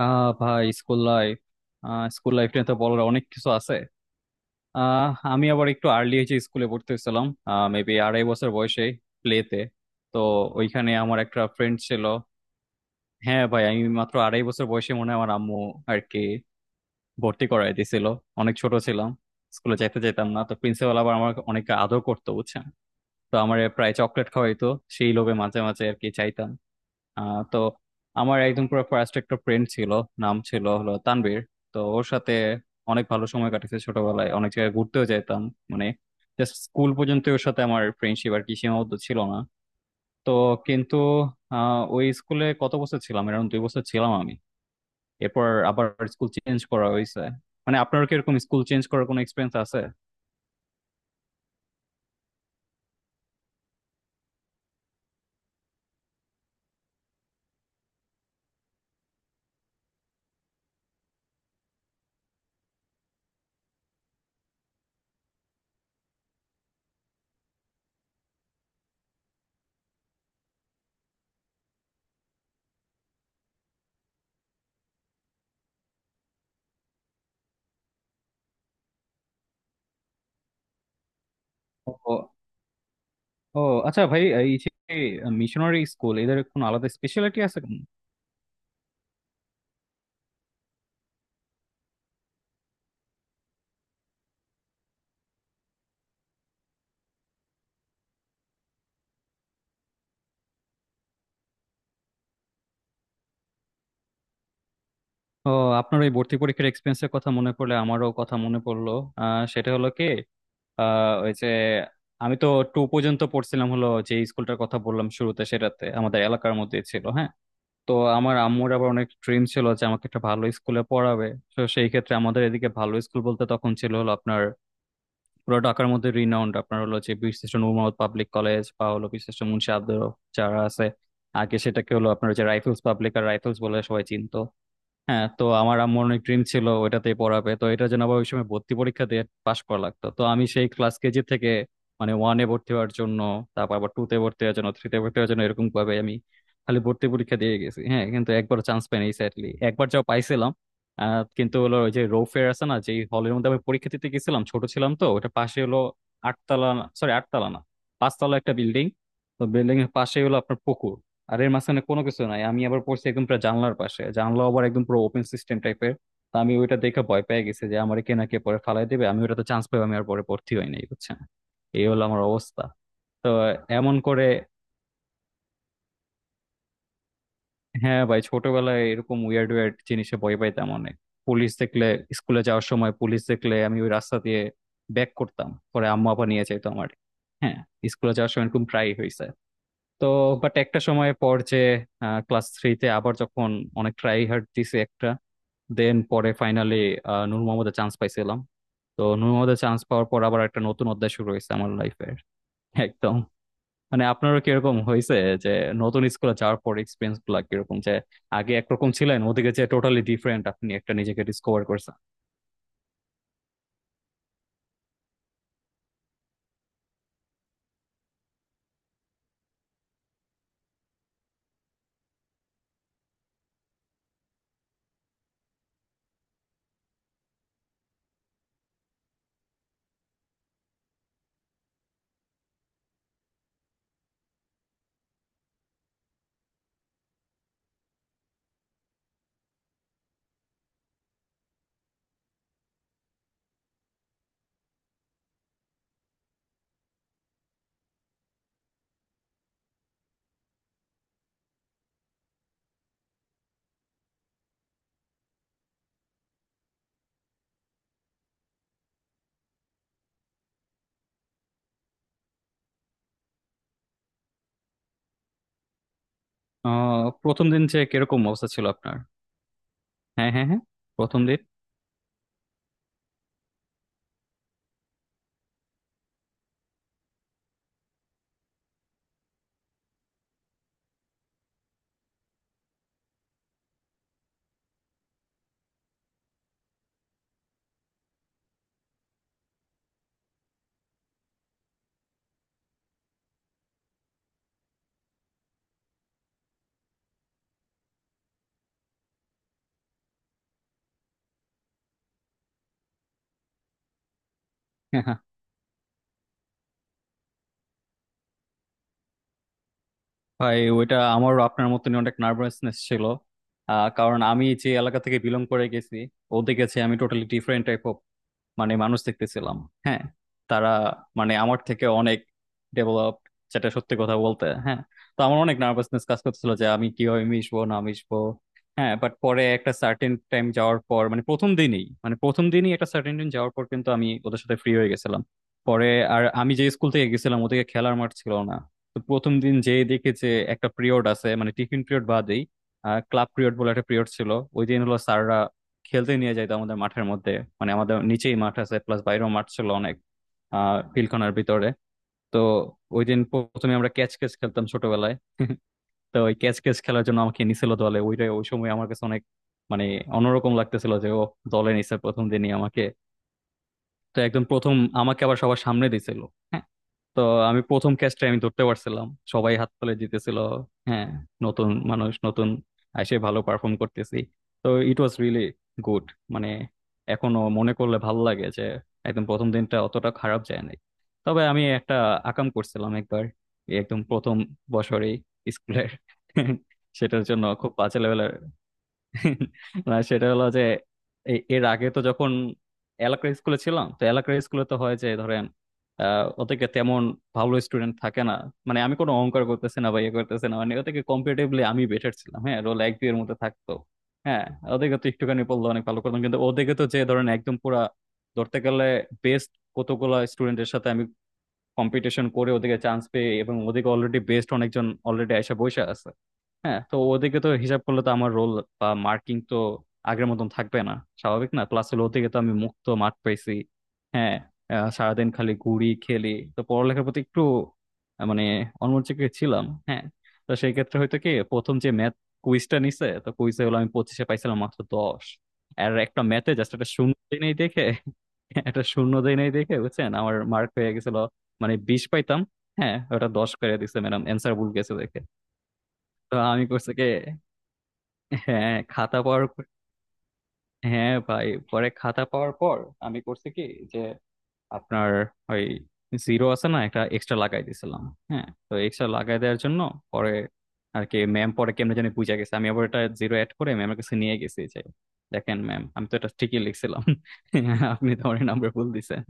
ভাই, school life নিয়ে তো বলার অনেক কিছু আছে। আহ আমি আবার একটু আর্লি হয়েছে, স্কুলে ভর্তি হয়েছিলাম মেবি 2.5 বছর বয়সে, প্লেতে। তো ওইখানে আমার একটা ফ্রেন্ড ছিল। হ্যাঁ ভাই, আমি মাত্র 2.5 বছর বয়সে মনে হয় আমার আম্মু আর কি ভর্তি করাই দিয়েছিল। অনেক ছোট ছিলাম, স্কুলে যাইতে যেতাম না, তো প্রিন্সিপাল আবার আমার অনেক আদর করতো, বুঝছেন? তো আমার প্রায় চকলেট খাওয়াইতো, সেই লোভে মাঝে মাঝে আর কি চাইতাম। তো আমার একদম পুরো ফার্স্ট একটা ফ্রেন্ড ছিল, নাম ছিল হলো তানভীর। তো ওর সাথে অনেক ভালো সময় কাটেছে ছোটবেলায়, অনেক জায়গায় ঘুরতেও যেতাম। মানে জাস্ট স্কুল পর্যন্ত ওর সাথে আমার ফ্রেন্ডশিপ আর কি সীমাবদ্ধ ছিল না। তো কিন্তু ওই স্কুলে কত বছর ছিলাম, এরকম 2 বছর ছিলাম আমি। এরপর আবার স্কুল চেঞ্জ করা হয়েছে। মানে আপনার কি এরকম স্কুল চেঞ্জ করার কোনো এক্সপিরিয়েন্স আছে? ও। ও। আচ্ছা ভাই, এই যে মিশনারি স্কুল, এদের কোনো আলাদা স্পেশালিটি আছে? ও, আপনার ওই ভর্তি পরীক্ষার এক্সপিরিয়েন্সের কথা মনে পড়লে আমারও কথা মনে পড়লো। সেটা হলো কি, ওই যে আমি তো টু পর্যন্ত পড়ছিলাম হলো যে স্কুলটার কথা বললাম শুরুতে, সেটাতে আমাদের এলাকার মধ্যেই ছিল, হ্যাঁ। তো আমার আম্মুর আবার অনেক ড্রিম ছিল যে আমাকে একটা ভালো স্কুলে পড়াবে। তো সেই ক্ষেত্রে আমাদের এদিকে ভালো স্কুল বলতে তখন ছিল হলো আপনার পুরো ঢাকার মধ্যে রিনাউন্ড আপনার হলো যে বীরশ্রেষ্ঠ নূর মোহাম্মদ পাবলিক কলেজ বা হলো বীরশ্রেষ্ঠ মুন্সি আব্দুর রব, যারা আছে আগে সেটাকে হলো আপনার যে রাইফেলস পাবলিক, আর রাইফেলস বলে সবাই চিনতো। হ্যাঁ, তো আমার আম্মুর অনেক ড্রিম ছিল ওইটাতেই পড়াবে। তো এটার জন্য আবার ওই সময় ভর্তি পরীক্ষা দিয়ে পাশ করা লাগতো। তো আমি সেই ক্লাস কেজি থেকে মানে ওয়ানে ভর্তি হওয়ার জন্য, তারপর আবার টু তে ভর্তি হওয়ার জন্য, থ্রিতে ভর্তি হওয়ার জন্য, এরকম ভাবে আমি খালি ভর্তি পরীক্ষা দিয়ে গেছি, হ্যাঁ, কিন্তু একবার চান্স পাইনি, স্যাডলি। একবার যাও পাইছিলাম, কিন্তু হলো ওই যে রোফের আছে না, যে হলের মধ্যে আমি পরীক্ষা দিতে গেছিলাম, ছোট ছিলাম, তো ওটা পাশে হলো আটতলা, সরি আটতলা না, পাঁচতলা একটা বিল্ডিং। তো বিল্ডিং এর পাশে হলো আপনার পুকুর, আর এর মাঝখানে কোনো কিছু নাই। আমি আবার পড়ছি একদম পুরো জানলার পাশে, জানলা আবার একদম পুরো ওপেন সিস্টেম টাইপের। তা আমি ওইটা দেখে ভয় পেয়ে গেছি যে আমার কে না কে পরে ফালাই দিবে। আমি ওটাতে চান্স পাই, আমি আর পরে ভর্তি হই নাই, বুঝছেন? এই হলো আমার অবস্থা। তো এমন করে। হ্যাঁ ভাই, ছোটবেলায় এরকম উইয়ার্ড উইয়ার্ড জিনিসে ভয় পাইতাম অনেক। পুলিশ দেখলে, স্কুলে যাওয়ার সময় পুলিশ দেখলে আমি ওই রাস্তা দিয়ে ব্যাক করতাম, পরে আম্মা আপা নিয়ে যাইতো আমার। হ্যাঁ, স্কুলে যাওয়ার সময় এরকম প্রায়ই হয়েছে। তো বাট একটা সময় পর যে ক্লাস থ্রিতে আবার যখন অনেক ট্রাই হার্ড দিছে একটা, দেন পরে ফাইনালি নূর মোহাম্মদে চান্স পাইছিলাম। তো নূর মোহাম্মদে চান্স পাওয়ার পর আবার একটা নতুন অধ্যায় শুরু হয়েছে আমার লাইফের, একদম। মানে আপনারও কিরকম হয়েছে যে নতুন স্কুলে যাওয়ার পর এক্সপিরিয়েন্স গুলা কিরকম, যে আগে একরকম ছিলেন, ওদিকে যে টোটালি ডিফারেন্ট, আপনি একটা নিজেকে ডিসকভার করছেন। প্রথম দিন যে কিরকম অবস্থা ছিল আপনার? হ্যাঁ হ্যাঁ হ্যাঁ, প্রথম দিন। ভাই, ওইটা আমারও আপনার মতনই অনেক নার্ভাসনেস ছিল। কারণ আমি যে এলাকা থেকে বিলং করে গেছি, ও দেখেছি আমি টোটালি ডিফারেন্ট টাইপ মানে মানুষ দেখতেছিলাম। হ্যাঁ, তারা মানে আমার থেকে অনেক ডেভেলপ, যেটা সত্যি কথা বলতে, হ্যাঁ। তো আমার অনেক নার্ভাসনেস কাজ করছিল যে আমি কিভাবে মিশবো না মিশবো। হ্যাঁ, বাট পরে একটা সার্টেন টাইম যাওয়ার পর, মানে প্রথম দিনই, একটা সার্টেন টাইম যাওয়ার পর কিন্তু আমি ওদের সাথে ফ্রি হয়ে গেছিলাম পরে। আর আমি যে স্কুল থেকে গেছিলাম ওদিকে খেলার মাঠ ছিল না। তো প্রথম দিন যেয়ে দেখে যে একটা পিরিয়ড আছে, মানে টিফিন পিরিয়ড বাদেই ক্লাব পিরিয়ড বলে একটা পিরিয়ড ছিল। ওই দিন হলো স্যাররা খেলতে নিয়ে যাইতো আমাদের মাঠের মধ্যে। মানে আমাদের নিচেই মাঠ আছে, প্লাস বাইরেও মাঠ ছিল অনেক, পিলখানার ভিতরে। তো ওই দিন প্রথমে আমরা ক্যাচ ক্যাচ খেলতাম ছোটবেলায়। তো ওই ক্যাচ ক্যাচ খেলার জন্য আমাকে নিছিল দলে, ওইটাই ওই সময় আমার কাছে অনেক মানে অন্যরকম লাগতেছিল যে ও দলে নিছে প্রথম দিনই আমাকে। তো একদম প্রথম আমাকে আবার সবার সামনে দিছিল, হ্যাঁ। তো আমি প্রথম ক্যাচটা আমি ধরতে পারছিলাম, সবাই হাত তুলে জিতেছিল, হ্যাঁ। নতুন মানুষ, নতুন এসে ভালো পারফর্ম করতেছি, তো ইট ওয়াজ রিয়েলি গুড। মানে এখনো মনে করলে ভালো লাগে যে একদম প্রথম দিনটা অতটা খারাপ যায় নাই। তবে আমি একটা আকাম করছিলাম একবার, এই একদম প্রথম বছরেই স্কুলের। সেটার জন্য খুব বাজে লেভেলের। না, সেটা হলো যে এর আগে তো যখন এলাকার স্কুলে ছিলাম, তো এলাকার স্কুলে তো হয় যে ধরেন ওদেরকে তেমন ভালো স্টুডেন্ট থাকে না। মানে আমি কোনো অহংকার করতেছি না বা ইয়ে করতেছি না, মানে ওদেরকে কম্পিটিটিভলি আমি বেটার ছিলাম, হ্যাঁ। রোল এক দুই এর মধ্যে থাকতো, হ্যাঁ। ওদেরকে তো একটুখানি বললো অনেক ভালো করতাম, কিন্তু ওদেরকে তো যে ধরেন একদম পুরা, ধরতে গেলে বেস্ট কতগুলা স্টুডেন্টের সাথে আমি কম্পিটিশন করে ওদেরকে চান্স পেয়ে, এবং ওদেরকে অলরেডি বেস্ট অনেকজন অলরেডি এসে বসে আছে। হ্যাঁ, তো ওদিকে তো হিসাব করলে তো আমার রোল বা মার্কিং তো আগের মতন থাকবে না, স্বাভাবিক না? প্লাস হলো ওদিকে তো আমি মুক্ত মাঠ পাইছি, হ্যাঁ, সারাদিন খালি ঘুরি খেলি। তো পড়ালেখার প্রতি একটু মানে অন্যমনস্ক ছিলাম, হ্যাঁ। তো সেই ক্ষেত্রে হয়তো কি প্রথম যে ম্যাথ কুইজটা নিছে, তো কুইজে হলো আমি 25-এ পাইছিলাম মাত্র 10। আর একটা ম্যাথে জাস্ট একটা শূন্য দেই নাই দেখে একটা শূন্য দেই নাই দেখে, বুঝছেন, আমার মার্ক হয়ে গেছিল মানে 20 পাইতাম, হ্যাঁ, ওটা 10 করে দিছে ম্যাডাম, অ্যান্সার ভুল গেছে দেখে। তো আমি করছে কি, হ্যাঁ, খাতা পাওয়ার পর- হ্যাঁ ভাই, পরে খাতা পাওয়ার পর আমি করছি কি যে আপনার ওই জিরো আছে না, একটা এক্সট্রা লাগাই দিয়েছিলাম। হ্যাঁ, তো এক্সট্রা লাগাই দেওয়ার জন্য পরে আর কি ম্যাম পরে কেমনে জানি বুঝা গেছে। আমি আবার এটা জিরো অ্যাড করে ম্যামের কাছে নিয়ে গেছি যে দেখেন ম্যাম, আমি তো এটা ঠিকই লিখছিলাম, আপনি তো আমার নাম্বার ভুল দিছেন।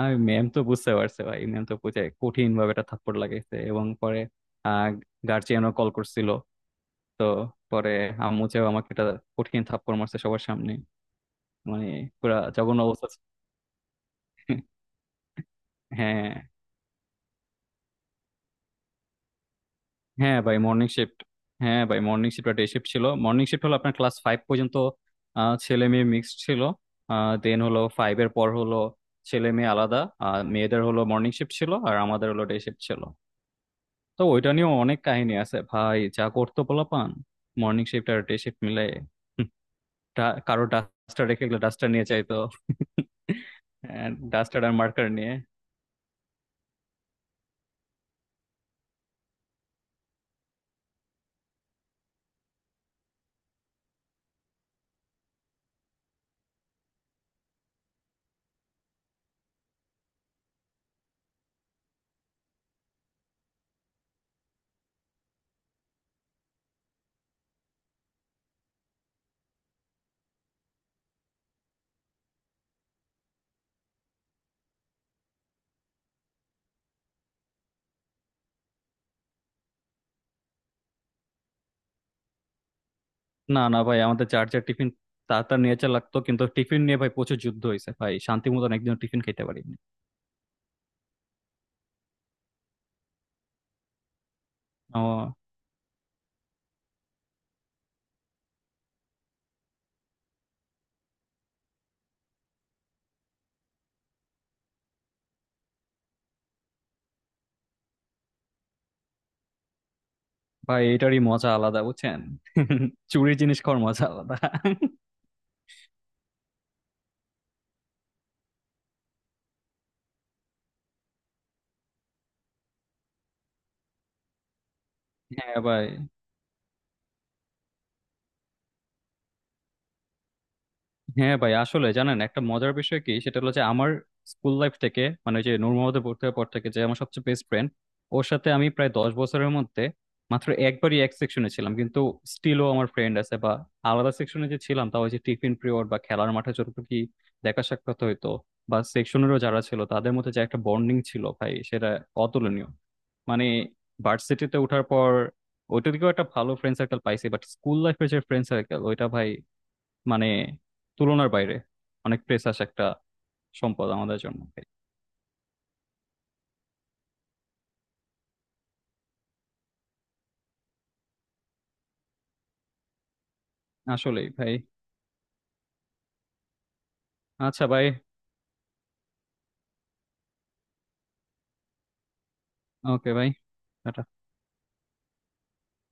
আর ম্যাম তো বুঝতে পারছে ভাই, ম্যাম তো বুঝে কঠিন ভাবে এটা থাপ্পড় লাগাইছে, এবং পরে গার্জিয়ানও কল করছিল। তো পরে আম্মু চাও আমাকে একটা কঠিন থাপ্পড় মারছে সবার সামনে। মানে পুরা জঘন্য অবস্থা ছিল। হ্যাঁ, হ্যাঁ ভাই মর্নিং শিফট হ্যাঁ ভাই, মর্নিং শিফট ডে শিফট ছিল। মর্নিং শিফট হলো আপনার ক্লাস ফাইভ পর্যন্ত, ছেলে মেয়ে মিক্সড ছিল। দেন হলো ফাইভ এর পর হলো ছেলে মেয়ে আলাদা, আর মেয়েদের হলো মর্নিং শিফট ছিল আর আমাদের হলো ডে শিফট ছিল। তো ওইটা নিয়েও অনেক কাহিনী আছে ভাই, যা করতো পোলাপান মর্নিং শিফট আর ডে শিফট মিলে। কারো ডাস্টার রেখে গেলে ডাস্টার নিয়ে চাইতো, ডাস্টার আর মার্কার নিয়ে। না না ভাই, আমাদের যার যার টিফিন তার তার নিয়ে চা লাগতো, কিন্তু টিফিন নিয়ে ভাই প্রচুর যুদ্ধ হয়েছে ভাই, শান্তি মতন একদিন টিফিন খেতে পারিনি। ও ভাই, এটারই মজা আলাদা, বুঝছেন? চুরি জিনিস খাওয়ার মজা আলাদা। হ্যাঁ ভাই। আসলে জানেন একটা মজার বিষয় কি, সেটা হলো যে আমার স্কুল লাইফ থেকে, মানে ওই যে নূর মোহাম্মদে ভর্তি হওয়ার পর থেকে, যে আমার সবচেয়ে বেস্ট ফ্রেন্ড, ওর সাথে আমি প্রায় 10 বছরের মধ্যে মাত্র একবারই এক সেকশনে ছিলাম, কিন্তু স্টিলও আমার ফ্রেন্ড আছে। বা আলাদা সেকশনে যে ছিলাম, তাও ওই যে টিফিন পিরিয়ড বা খেলার মাঠে যতটুকু কি দেখা সাক্ষাৎ হইতো, বা সেকশনেরও যারা ছিল তাদের মধ্যে যে একটা বন্ডিং ছিল ভাই, সেটা অতুলনীয়। মানে ভার্সিটিতে ওঠার পর ওইটার দিকেও একটা ভালো ফ্রেন্ড সার্কেল পাইছি, বাট স্কুল লাইফের যে ফ্রেন্ড সার্কেল, ওইটা ভাই মানে তুলনার বাইরে, অনেক প্রেসাস একটা সম্পদ আমাদের জন্য ভাই। আসলেই ভাই। আচ্ছা ভাই। ওকে ভাই, টাটা।